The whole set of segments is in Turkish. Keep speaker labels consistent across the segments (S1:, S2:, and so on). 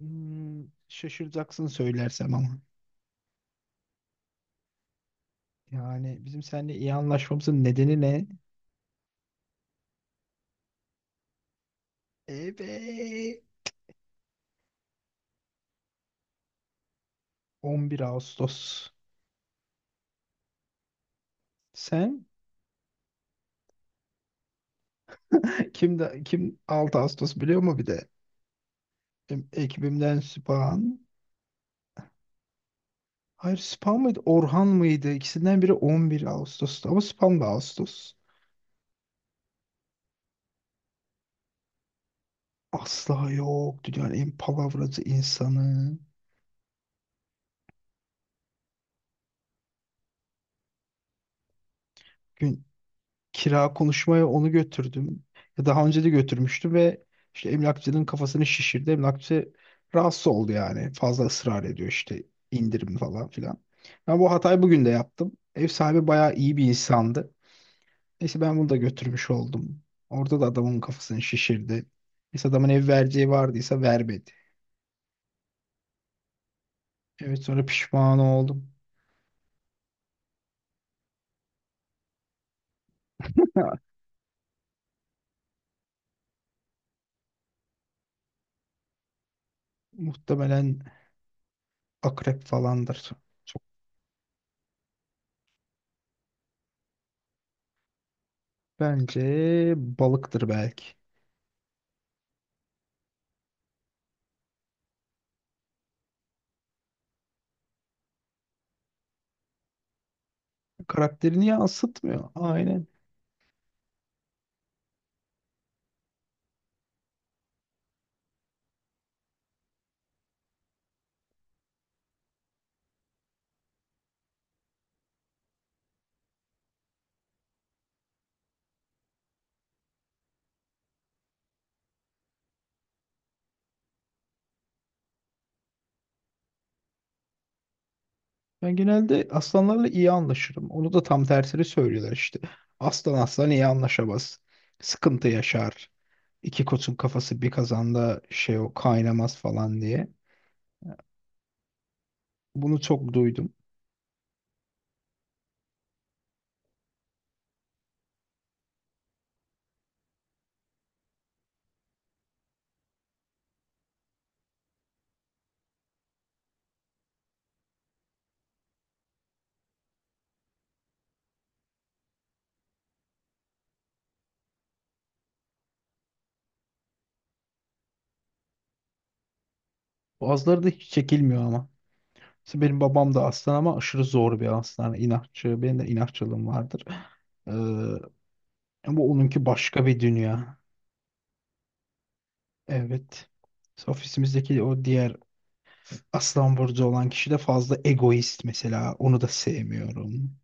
S1: Şaşıracaksın söylersem ama. Yani bizim seninle iyi anlaşmamızın nedeni ne? Evet. 11 Ağustos. Sen kim de kim 6 Ağustos biliyor mu bir de? Benim ekibimden Süphan. Hayır, Süphan mıydı? Orhan mıydı? İkisinden biri 11 Ağustos'tu ama Süphan da Ağustos. Asla yok. Dünyanın en palavracı insanı. Gün, kira konuşmaya onu götürdüm. Ya daha önce de götürmüştüm ve işte emlakçının kafasını şişirdi. Emlakçı rahatsız oldu yani. Fazla ısrar ediyor, işte indirim falan filan. Ben bu hatayı bugün de yaptım. Ev sahibi bayağı iyi bir insandı. Neyse, ben bunu da götürmüş oldum. Orada da adamın kafasını şişirdi. Neyse, adamın ev vereceği vardıysa vermedi. Evet, sonra pişman oldum. Muhtemelen akrep falandır. Çok bence balıktır belki. Karakterini yansıtmıyor. Aynen. Ben genelde aslanlarla iyi anlaşırım. Onu da tam tersini söylüyorlar işte. Aslan aslan iyi anlaşamaz. Sıkıntı yaşar. İki koçun kafası bir kazanda şey o kaynamaz falan diye. Bunu çok duydum. Bazıları da hiç çekilmiyor ama. Mesela benim babam da aslan ama aşırı zor bir aslan. İnatçı. Benim de inatçılığım vardır. Ee, ama onunki başka bir dünya. Evet. Mesela ofisimizdeki o diğer aslan burcu olan kişi de fazla egoist mesela. Onu da sevmiyorum.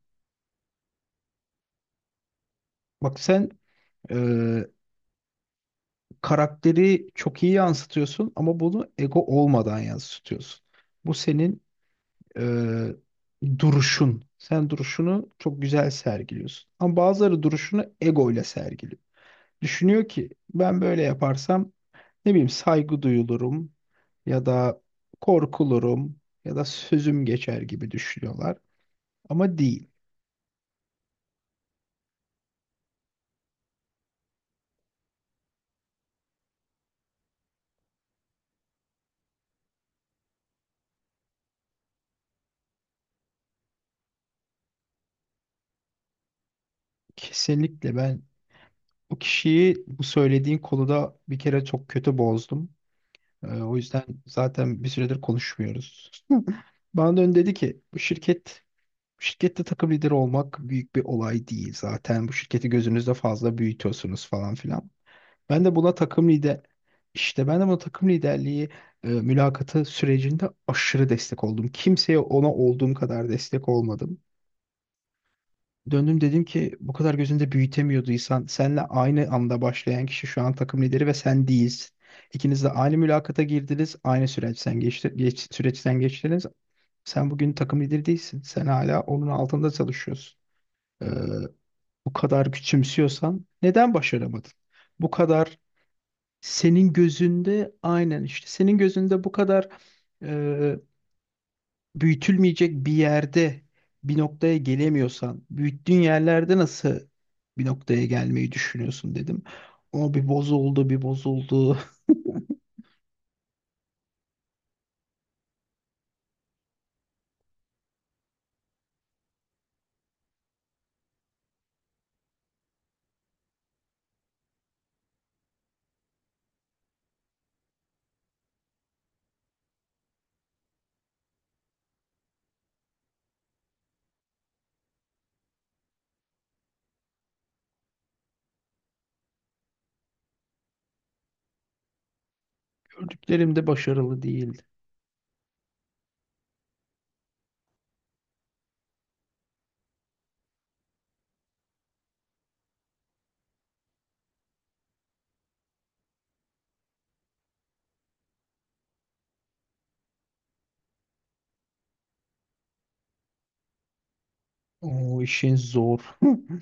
S1: Bak sen, e, karakteri çok iyi yansıtıyorsun ama bunu ego olmadan yansıtıyorsun. Bu senin e, duruşun. Sen duruşunu çok güzel sergiliyorsun. Ama bazıları duruşunu ego ile sergiliyor. Düşünüyor ki ben böyle yaparsam ne bileyim saygı duyulurum ya da korkulurum ya da sözüm geçer gibi düşünüyorlar. Ama değil. Kesinlikle ben o kişiyi bu söylediğin konuda bir kere çok kötü bozdum. O yüzden zaten bir süredir konuşmuyoruz. Bana dön dedi ki bu şirket şirkette takım lideri olmak büyük bir olay değil zaten. Bu şirketi gözünüzde fazla büyütüyorsunuz falan filan. Ben de buna takım lider işte ben de buna takım liderliği mülakatı sürecinde aşırı destek oldum. Kimseye ona olduğum kadar destek olmadım. Döndüm, dedim ki bu kadar gözünde büyütemiyorduysan senle aynı anda başlayan kişi şu an takım lideri ve sen değilsin. İkiniz de aynı mülakata girdiniz, aynı süreçten geçtiniz. Sen bugün takım lideri değilsin. Sen hala onun altında çalışıyorsun. Ee, bu kadar küçümsüyorsan neden başaramadın? Bu kadar Senin gözünde, aynen işte, senin gözünde bu kadar e, büyütülmeyecek bir yerde bir noktaya gelemiyorsan büyüttüğün yerlerde nasıl bir noktaya gelmeyi düşünüyorsun, dedim. O bir bozuldu bir bozuldu. Gördüklerim de başarılı değildi. O işin zor.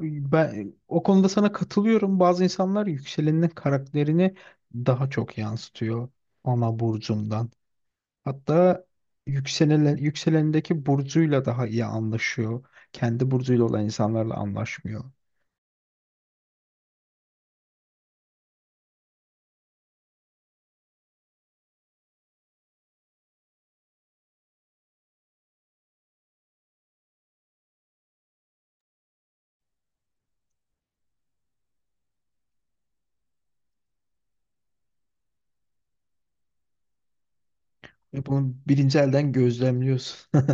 S1: Ben o konuda sana katılıyorum. Bazı insanlar yükselenin karakterini daha çok yansıtıyor ana burcundan. Hatta yükselendeki burcuyla daha iyi anlaşıyor. Kendi burcuyla olan insanlarla anlaşmıyor. Ve bunu birinci elden gözlemliyorsun.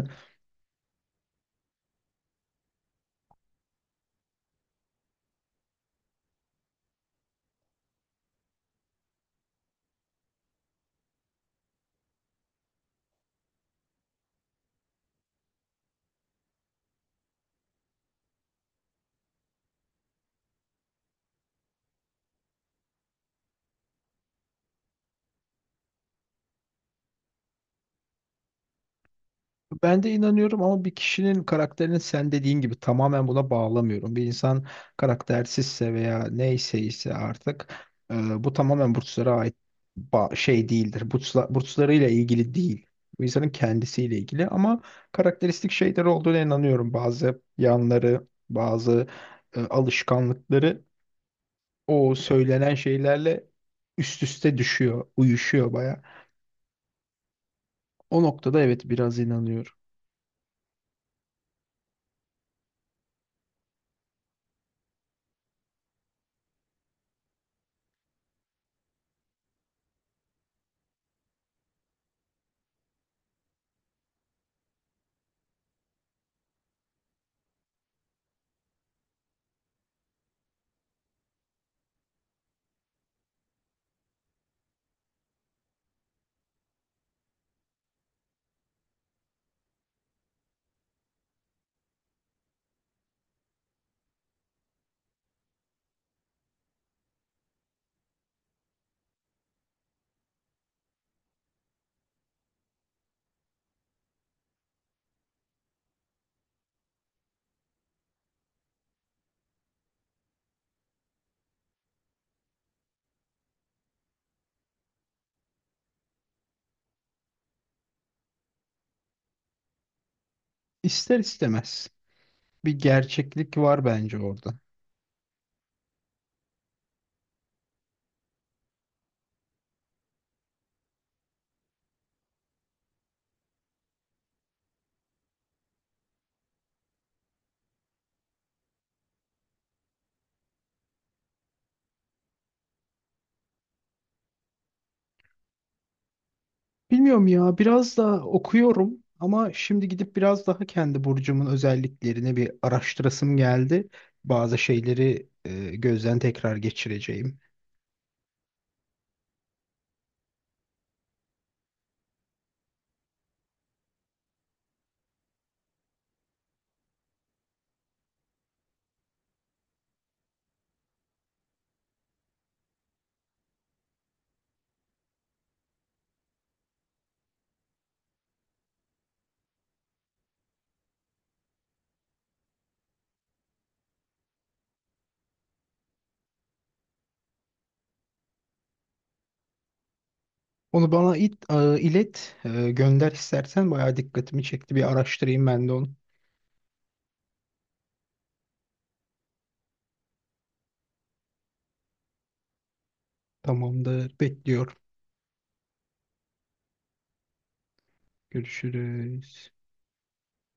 S1: Ben de inanıyorum ama bir kişinin karakterini, sen dediğin gibi, tamamen buna bağlamıyorum. Bir insan karaktersizse veya neyse ise artık bu tamamen burçlara ait şey değildir. Burçlarıyla ilgili değil. Bu insanın kendisiyle ilgili ama karakteristik şeyler olduğuna inanıyorum. Bazı yanları, bazı alışkanlıkları o söylenen şeylerle üst üste düşüyor, uyuşuyor baya. O noktada evet, biraz inanıyorum. İster istemez bir gerçeklik var bence orada. Bilmiyorum ya, biraz da okuyorum ama şimdi gidip biraz daha kendi burcumun özelliklerini bir araştırasım geldi. Bazı şeyleri gözden tekrar geçireceğim. Onu bana it, e, ilet, e, gönder istersen, bayağı dikkatimi çekti. Bir araştırayım ben de onu. Tamamdır, bekliyorum. Görüşürüz.